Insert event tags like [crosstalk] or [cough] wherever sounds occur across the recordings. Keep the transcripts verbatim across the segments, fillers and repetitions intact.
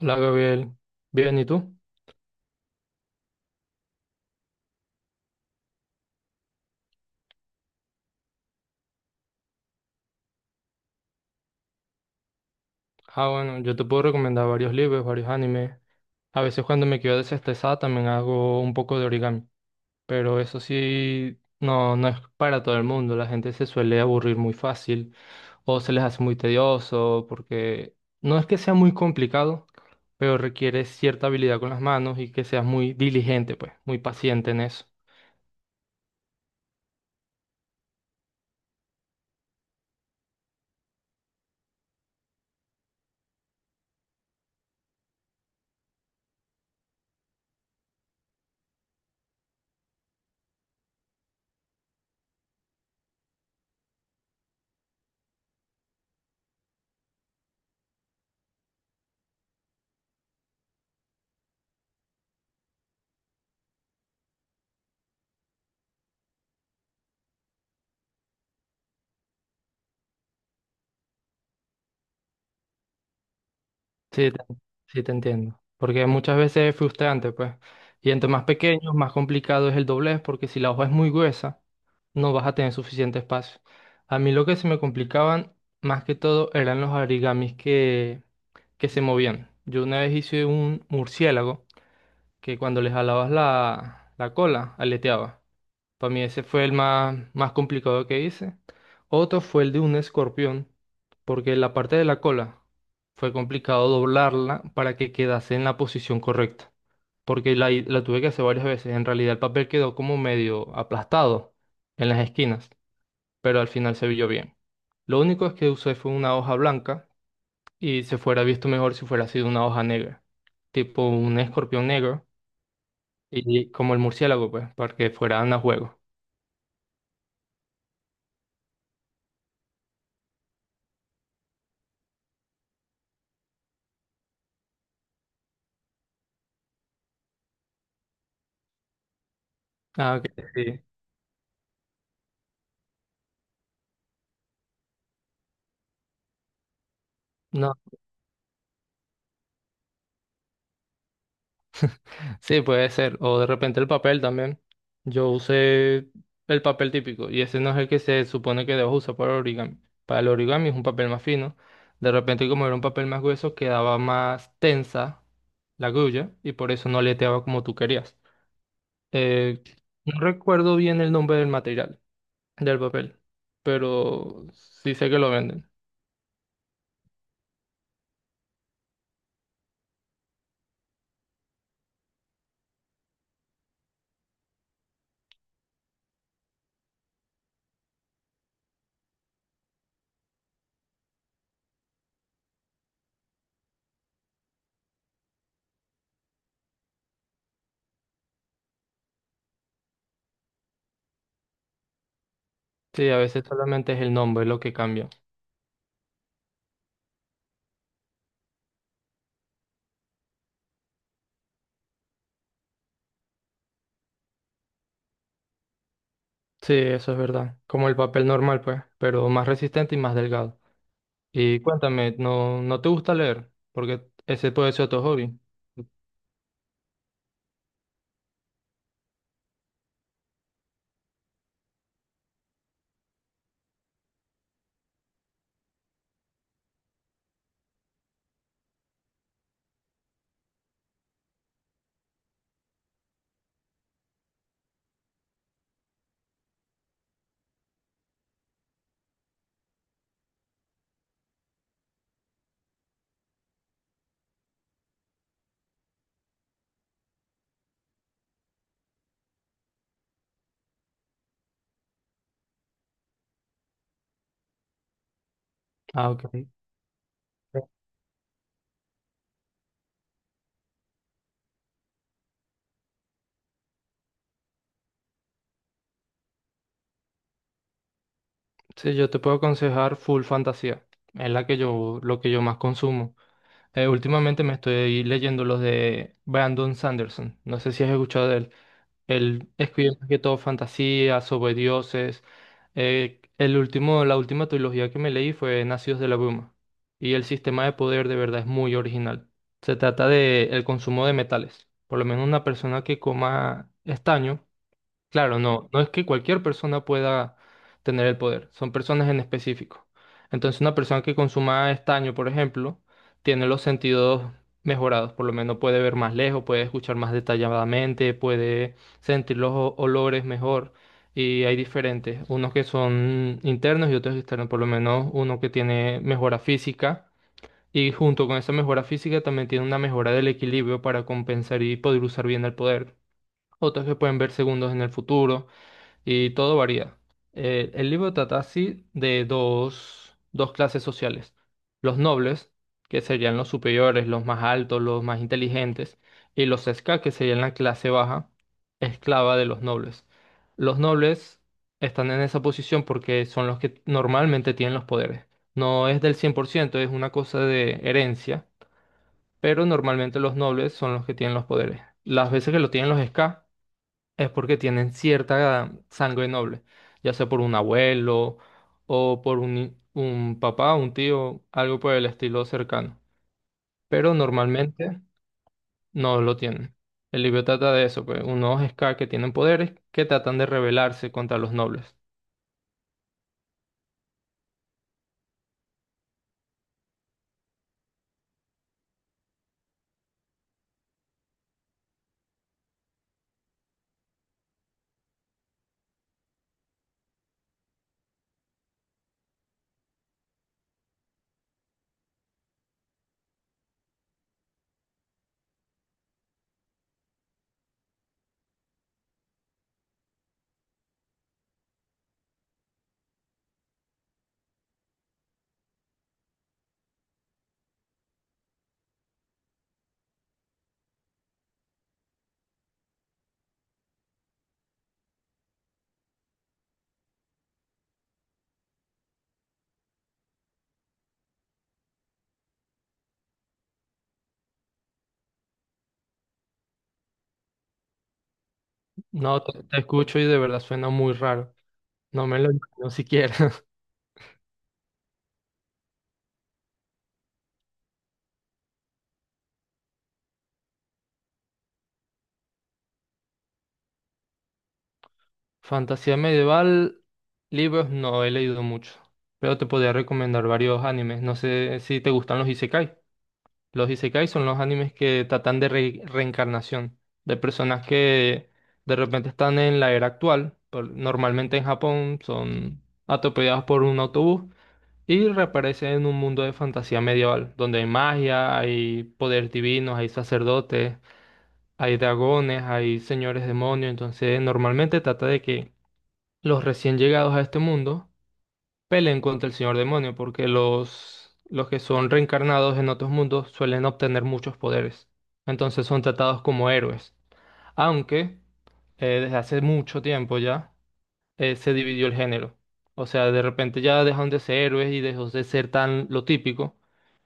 Hola Gabriel, bien, ¿y tú? Ah, bueno, yo te puedo recomendar varios libros, varios animes. A veces cuando me quedo desestresada también hago un poco de origami, pero eso sí, no, no es para todo el mundo. La gente se suele aburrir muy fácil o se les hace muy tedioso porque no es que sea muy complicado, pero requiere cierta habilidad con las manos y que seas muy diligente, pues, muy paciente en eso. Sí, te, sí te entiendo. Porque muchas veces es frustrante, pues. Y entre más pequeños, más complicado es el doblez, porque si la hoja es muy gruesa, no vas a tener suficiente espacio. A mí lo que se me complicaban más que todo eran los origamis que, que se movían. Yo una vez hice un murciélago que cuando le jalabas la, la cola, aleteaba. Para mí ese fue el más, más complicado que hice. Otro fue el de un escorpión, porque la parte de la cola fue complicado doblarla para que quedase en la posición correcta, porque la, hi- la tuve que hacer varias veces. En realidad el papel quedó como medio aplastado en las esquinas, pero al final se vio bien. Lo único es que usé fue una hoja blanca y se fuera visto mejor si fuera sido una hoja negra, tipo un escorpión negro y como el murciélago, pues, para que fueran a juego. Ah, ok, sí. No, sí, puede ser. O de repente el papel también. Yo usé el papel típico y ese no es el que se supone que debo usar para origami. Para el origami es un papel más fino. De repente, como era un papel más grueso, quedaba más tensa la grulla y por eso no aleteaba como tú querías. Eh, no recuerdo bien el nombre del material, del papel, pero sí sé que lo venden. Sí, a veces solamente es el nombre lo que cambia. Sí, eso es verdad. Como el papel normal, pues, pero más resistente y más delgado. Y cuéntame, ¿no, no te gusta leer? Porque ese puede ser tu hobby. Ah, ok. Sí, yo te puedo aconsejar full fantasía. Es la que yo, lo que yo más consumo. Eh, últimamente me estoy leyendo los de Brandon Sanderson. No sé si has escuchado de él. Él escribe más que todo fantasías sobre dioses. Eh, el último, la última trilogía que me leí fue Nacidos de la Bruma. Y el sistema de poder de verdad es muy original. Se trata de el consumo de metales. Por lo menos una persona que coma estaño. Claro, no, no es que cualquier persona pueda tener el poder, son personas en específico. Entonces, una persona que consuma estaño, por ejemplo, tiene los sentidos mejorados, por lo menos puede ver más lejos, puede escuchar más detalladamente, puede sentir los o- olores mejor. Y hay diferentes, unos que son internos y otros externos, por lo menos uno que tiene mejora física y junto con esa mejora física también tiene una mejora del equilibrio para compensar y poder usar bien el poder. Otros que pueden ver segundos en el futuro y todo varía. Eh, el libro trata así de dos, dos clases sociales. Los nobles, que serían los superiores, los más altos, los más inteligentes, y los ska, que serían la clase baja, esclava de los nobles. Los nobles están en esa posición porque son los que normalmente tienen los poderes. No es del cien por ciento, es una cosa de herencia, pero normalmente los nobles son los que tienen los poderes. Las veces que lo tienen los ska, es porque tienen cierta sangre noble, ya sea por un abuelo o por un, un papá, un tío, algo por el estilo cercano. Pero normalmente no lo tienen. El libro trata de eso, pues, unos Scar que tienen poderes que tratan de rebelarse contra los nobles. No, te, te escucho y de verdad suena muy raro. No me lo imagino siquiera. [laughs] Fantasía medieval, libros no he leído mucho, pero te podría recomendar varios animes. No sé si te gustan los isekai. Los isekai son los animes que tratan de re- reencarnación, de personas que de repente están en la era actual, por- normalmente en Japón son atropellados por un autobús y reaparecen en un mundo de fantasía medieval, donde hay magia, hay poderes divinos, hay sacerdotes, hay dragones, hay señores demonios, entonces normalmente trata de que los recién llegados a este mundo peleen contra el señor demonio, porque los, los que son reencarnados en otros mundos suelen obtener muchos poderes. Entonces son tratados como héroes. Aunque eh, desde hace mucho tiempo ya eh, se dividió el género. O sea, de repente ya dejaron de ser héroes y dejó de ser tan lo típico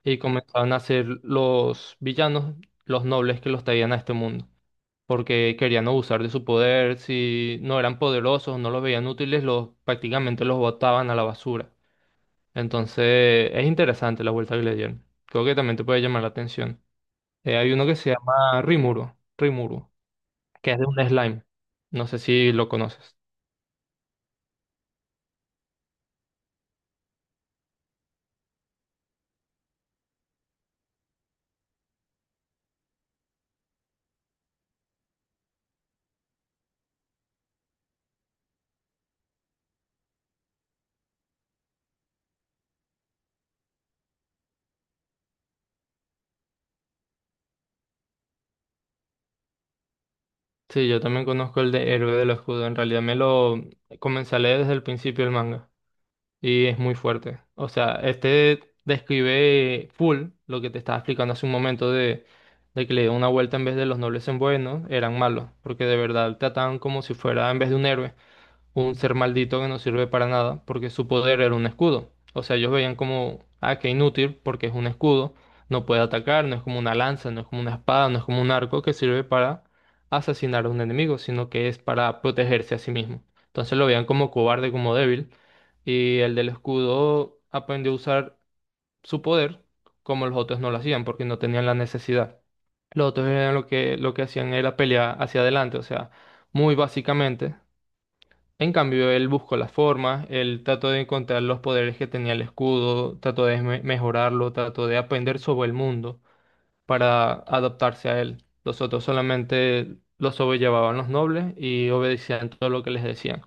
y comenzaron a ser los villanos, los nobles que los traían a este mundo. Porque querían abusar de su poder, si no eran poderosos, no los veían útiles, los, prácticamente los botaban a la basura. Entonces, es interesante la vuelta que le dieron. Creo que también te puede llamar la atención. Eh, hay uno que se llama Rimuru, Rimuru, que es de un slime. No sé si lo conoces. Sí, yo también conozco el de Héroe del Escudo. En realidad me lo comencé a leer desde el principio del manga. Y es muy fuerte. O sea, este describe full lo que te estaba explicando hace un momento de, de que le dio una vuelta en vez de los nobles en buenos, eran malos. Porque de verdad trataban como si fuera en vez de un héroe un ser maldito que no sirve para nada porque su poder era un escudo. O sea, ellos veían como, ah, que inútil porque es un escudo, no puede atacar, no es como una lanza, no es como una espada, no es como un arco que sirve para asesinar a un enemigo, sino que es para protegerse a sí mismo. Entonces lo veían como cobarde, como débil, y el del escudo aprendió a usar su poder como los otros no lo hacían porque no tenían la necesidad. Los otros eran lo que, lo que hacían era pelear hacia adelante, o sea, muy básicamente en cambio, él buscó las formas, él trató de encontrar los poderes que tenía el escudo, trató de me- mejorarlo, trató de aprender sobre el mundo para adaptarse a él. Los otros solamente los sobrellevaban los nobles y obedecían todo lo que les decían.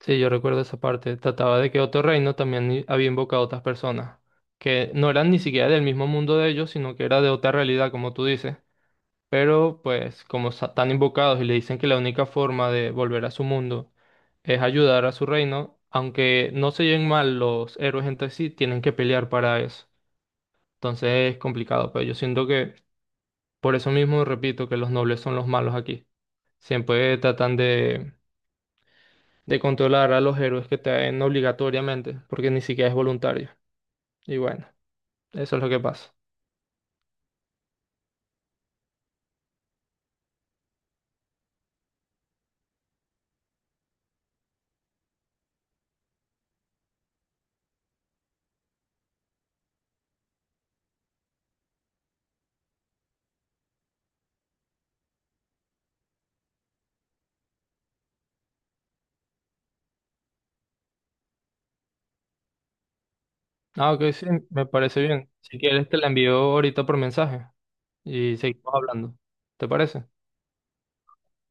Sí, yo recuerdo esa parte. Trataba de que otro reino también i- había invocado a otras personas, que no eran ni siquiera del mismo mundo de ellos, sino que era de otra realidad, como tú dices. Pero pues como sa- están invocados y le dicen que la única forma de volver a su mundo es ayudar a su reino, aunque no se lleven mal los héroes entre sí, tienen que pelear para eso. Entonces es complicado, pero yo siento que por eso mismo repito que los nobles son los malos aquí. Siempre tratan de, de controlar a los héroes que traen obligatoriamente, porque ni siquiera es voluntario. Y bueno, eso es lo que pasa. Ah, ok, sí, me parece bien. Si quieres te la envío ahorita por mensaje y seguimos hablando. ¿Te parece?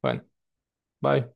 Bueno, bye.